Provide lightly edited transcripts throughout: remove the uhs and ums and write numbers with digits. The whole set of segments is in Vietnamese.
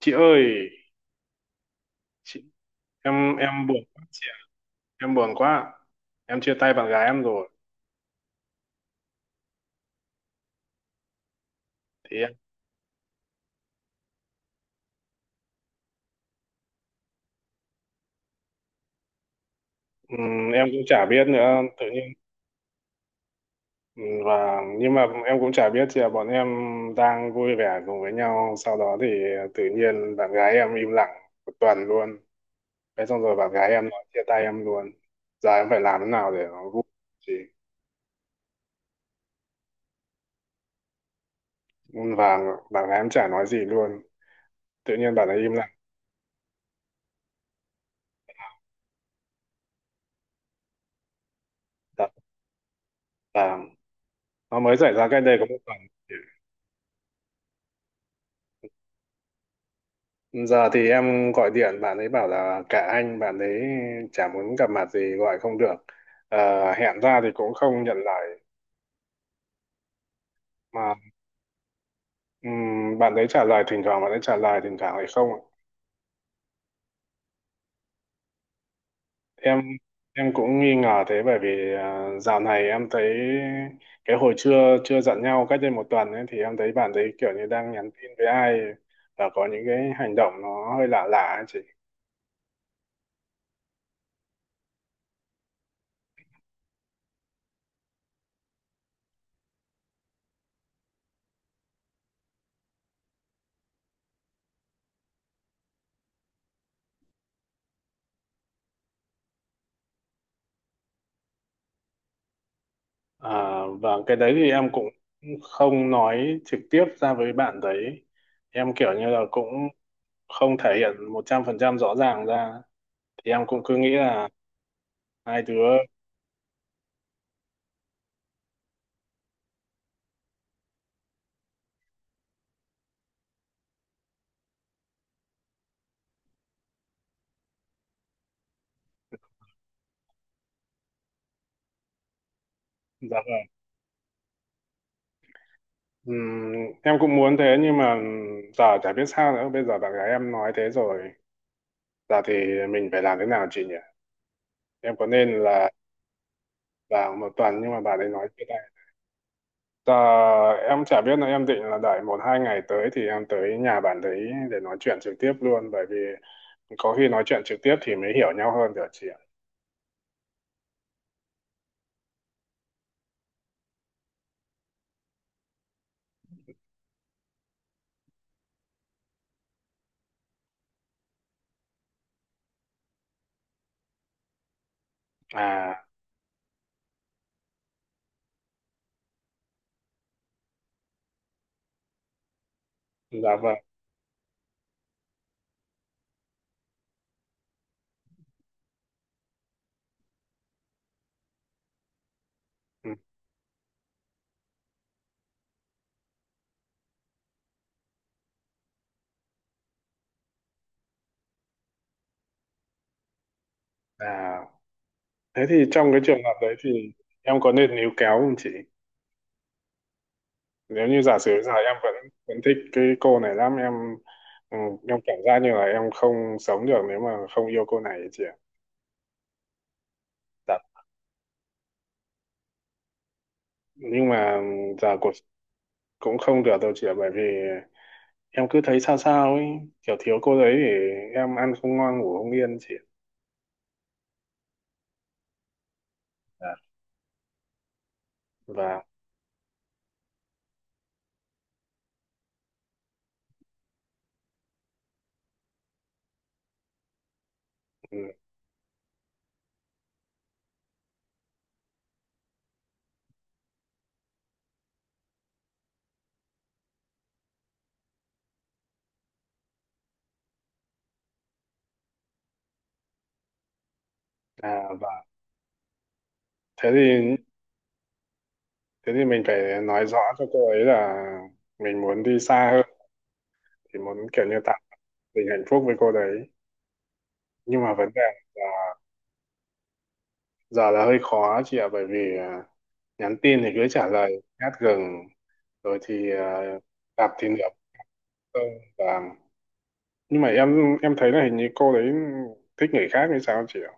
Chị ơi, chị, em buồn quá chị ạ. Em buồn quá. Em chia tay bạn gái em rồi. Thì em cũng chả biết nữa, tự nhiên. Và nhưng mà em cũng chả biết chị ạ, bọn em đang vui vẻ cùng với nhau, sau đó thì tự nhiên bạn gái em im lặng một tuần luôn. Thế xong rồi bạn gái em nói chia tay em luôn. Giờ em phải làm thế nào để nó vui chị? Và bạn gái em chả nói gì luôn. Tự nhiên bạn ấy im lặng. Thật là nó mới xảy ra cách đây có một tuần. Giờ thì em gọi điện bạn ấy bảo là cả anh, bạn ấy chả muốn gặp mặt gì, gọi không được. Hẹn ra thì cũng không nhận lời. Mà bạn ấy trả lời thỉnh thoảng, bạn ấy trả lời thỉnh thoảng lại không. Em em cũng nghi ngờ thế, bởi vì dạo này em thấy cái hồi chưa chưa giận nhau cách đây một tuần ấy, thì em thấy bạn ấy kiểu như đang nhắn tin với ai, và có những cái hành động nó hơi lạ lạ ấy chị. À, và cái đấy thì em cũng không nói trực tiếp ra với bạn đấy. Em kiểu như là cũng không thể hiện 100% rõ ràng ra. Thì em cũng cứ nghĩ là hai đứa, dạ vâng. Ừm, em cũng muốn thế, nhưng mà giờ chả biết sao nữa. Bây giờ bạn gái em nói thế rồi. Giờ thì mình phải làm thế nào chị nhỉ? Em có nên là vào một tuần, nhưng mà bà ấy nói chưa. Ờ, em chả biết nữa, em định là đợi một hai ngày tới thì em tới nhà bạn đấy để nói chuyện trực tiếp luôn, bởi vì có khi nói chuyện trực tiếp thì mới hiểu nhau hơn được chị ạ. À, dạ vâng. Ừ. À, thế thì trong cái trường hợp đấy thì em có nên níu kéo không chị? Nếu như giả sử giờ em vẫn vẫn thích cái cô này lắm em. ừ, em cảm giác như là em không sống được nếu mà không yêu cô này ấy chị ạ. Dạ. Nhưng mà giờ cuộc cũng không được đâu chị ạ, bởi vì em cứ thấy sao sao ấy, kiểu thiếu cô đấy để em ăn không ngon ngủ không yên chị. Dạ. và ừ, à và thế thì thế thì mình phải nói rõ cho cô ấy là mình muốn đi xa hơn, thì muốn kiểu như tạo tình hạnh phúc với cô đấy. Nhưng mà vấn đề là giờ là hơi khó chị ạ, bởi vì nhắn tin thì cứ trả lời nhát gừng, rồi thì gặp thì nửa không. Và nhưng mà em thấy là hình như cô đấy thích người khác hay sao chị ạ?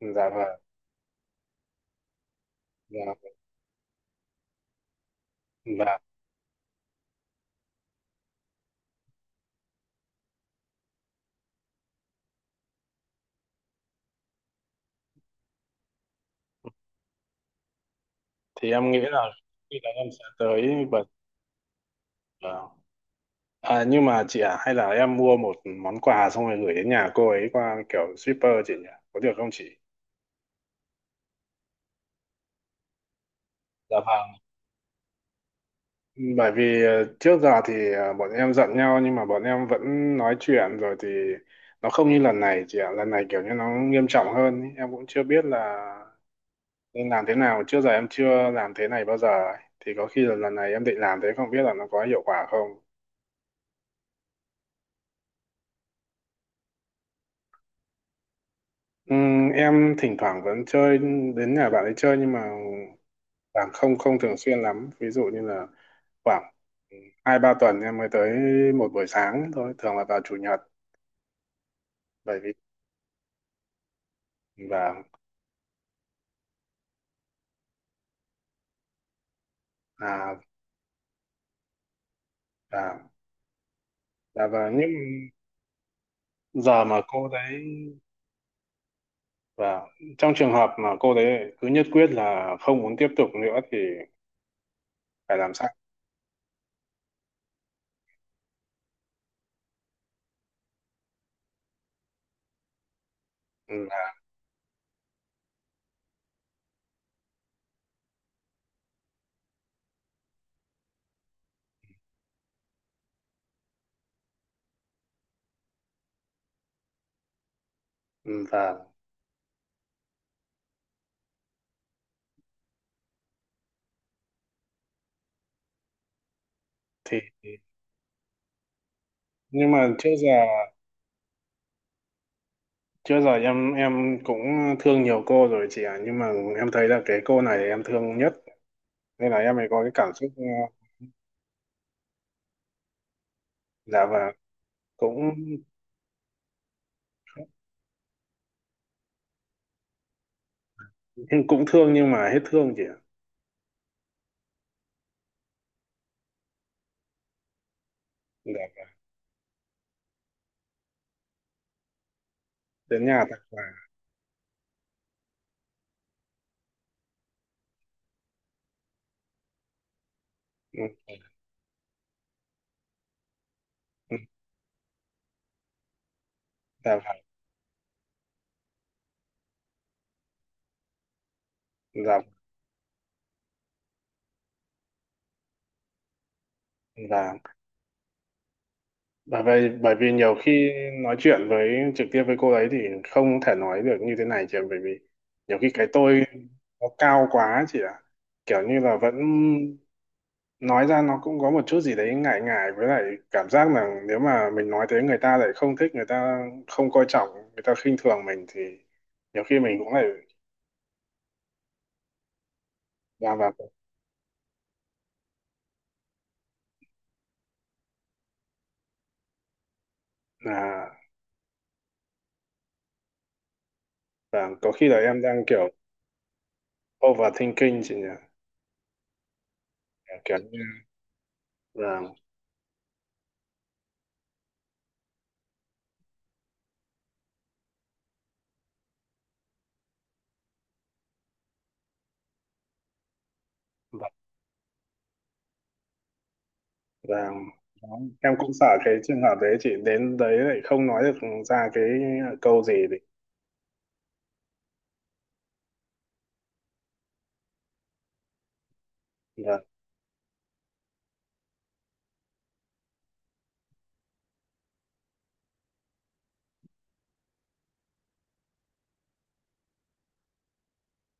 Dạ vâng. Dạ, vâng. Và thì em nghĩ là khi là em sẽ tới bật, ờ, nhưng mà chị à, hay là em mua một món quà xong rồi gửi đến nhà cô ấy qua kiểu shipper chị nhỉ, có được không chị? Dạ vâng. Bởi vì trước giờ thì bọn em giận nhau nhưng mà bọn em vẫn nói chuyện, rồi thì nó không như lần này chị ạ. Lần này kiểu như nó nghiêm trọng hơn ý. Em cũng chưa biết là nên làm thế nào, trước giờ em chưa làm thế này bao giờ ấy. Thì có khi là lần này em định làm thế, không biết là nó có hiệu quả không. Em thỉnh thoảng vẫn chơi, đến nhà bạn ấy chơi nhưng mà bạn không không thường xuyên lắm. Ví dụ như là khoảng hai ba tuần em mới tới một buổi sáng thôi, thường là vào chủ nhật. Bởi vì và à và và những giờ mà cô đấy, và trong trường hợp mà cô đấy cứ nhất quyết là không muốn tiếp tục nữa thì phải làm sao? Ừm, và, và thì nhưng mà trước giờ. Trước giờ em cũng thương nhiều cô rồi chị ạ, nhưng mà em thấy là cái cô này em thương nhất, nên là em mới có cái cảm xúc. Ờ, dạ. Và cũng cũng thương nhưng mà hết thương chị ạ. Dạ vâng. Đến nhà thật là. ừ, ừ, dạ vâng. Dạ. Và bởi vì nhiều khi nói chuyện với trực tiếp với cô ấy thì không thể nói được như thế này chị ạ, bởi vì nhiều khi cái tôi nó cao quá chị ạ. Kiểu như là vẫn nói ra nó cũng có một chút gì đấy ngại ngại, với lại cảm giác là nếu mà mình nói thế người ta lại không thích, người ta không coi trọng người ta khinh thường mình thì nhiều khi mình cũng lại làm vào, là và có khi là em đang kiểu overthinking chị nhỉ, kiểu như là. Và, và em cũng sợ cái trường hợp đấy chị, đến đấy lại không nói được ra cái câu gì thì. và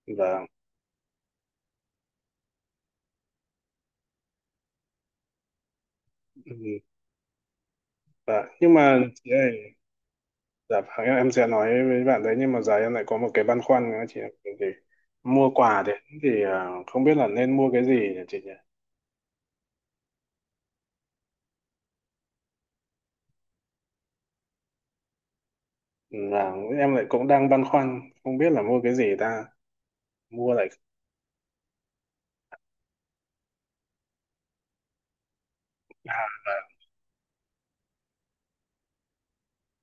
và và nhưng mà chị ơi. Dạ vâng, em sẽ nói với bạn đấy, nhưng mà giờ em lại có một cái băn khoăn nữa chị ạ. Thì mua quà đấy thì không biết là nên mua cái gì nhỉ chị nhỉ? Là em lại cũng đang băn khoăn không biết là mua cái gì ta. Mua lại.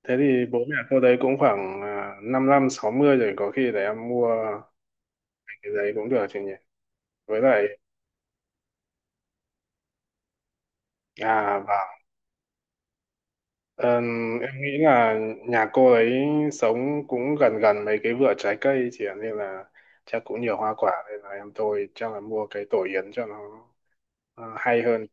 Thế thì bố mẹ cô đấy cũng khoảng năm năm sáu mươi rồi, có khi để em mua cái đấy cũng được chị nhỉ. Với lại. À và Ờ, em nghĩ là nhà cô ấy sống cũng gần gần mấy cái vựa trái cây chị ạ, nên là chắc cũng nhiều hoa quả, nên là em tôi chắc là mua cái tổ yến cho nó hay hơn.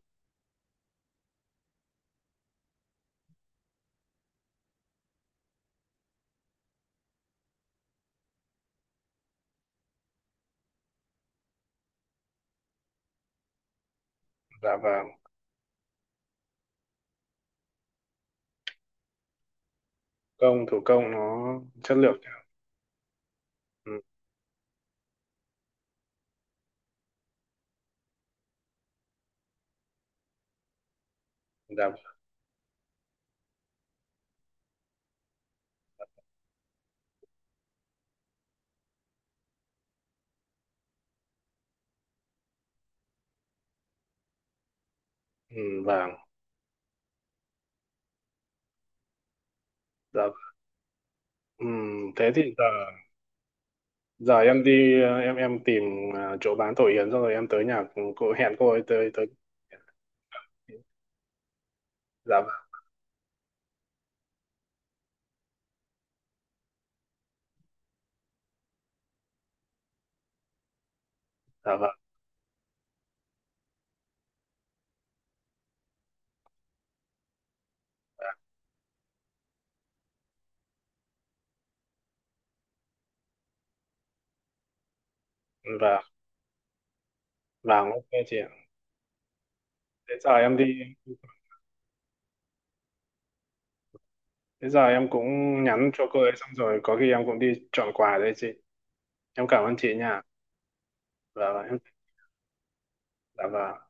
Dạ vâng. Công thủ công nó chất lượng. Ừ. Dạ. Ừ. Vâng. Dạ. Ừ. Thế thì giờ giờ em đi, em tìm chỗ bán tổ yến xong rồi em tới nhà cô, hẹn cô ấy tới tới. Dạ vâng. Dạ vâng. Vâng. Vâng, ok chị ạ. Thế giờ em đi. Thế giờ em cũng nhắn cho cô ấy xong rồi có khi em cũng đi chọn quà đây chị. Em cảm ơn chị nha. Và em, dạ vâng.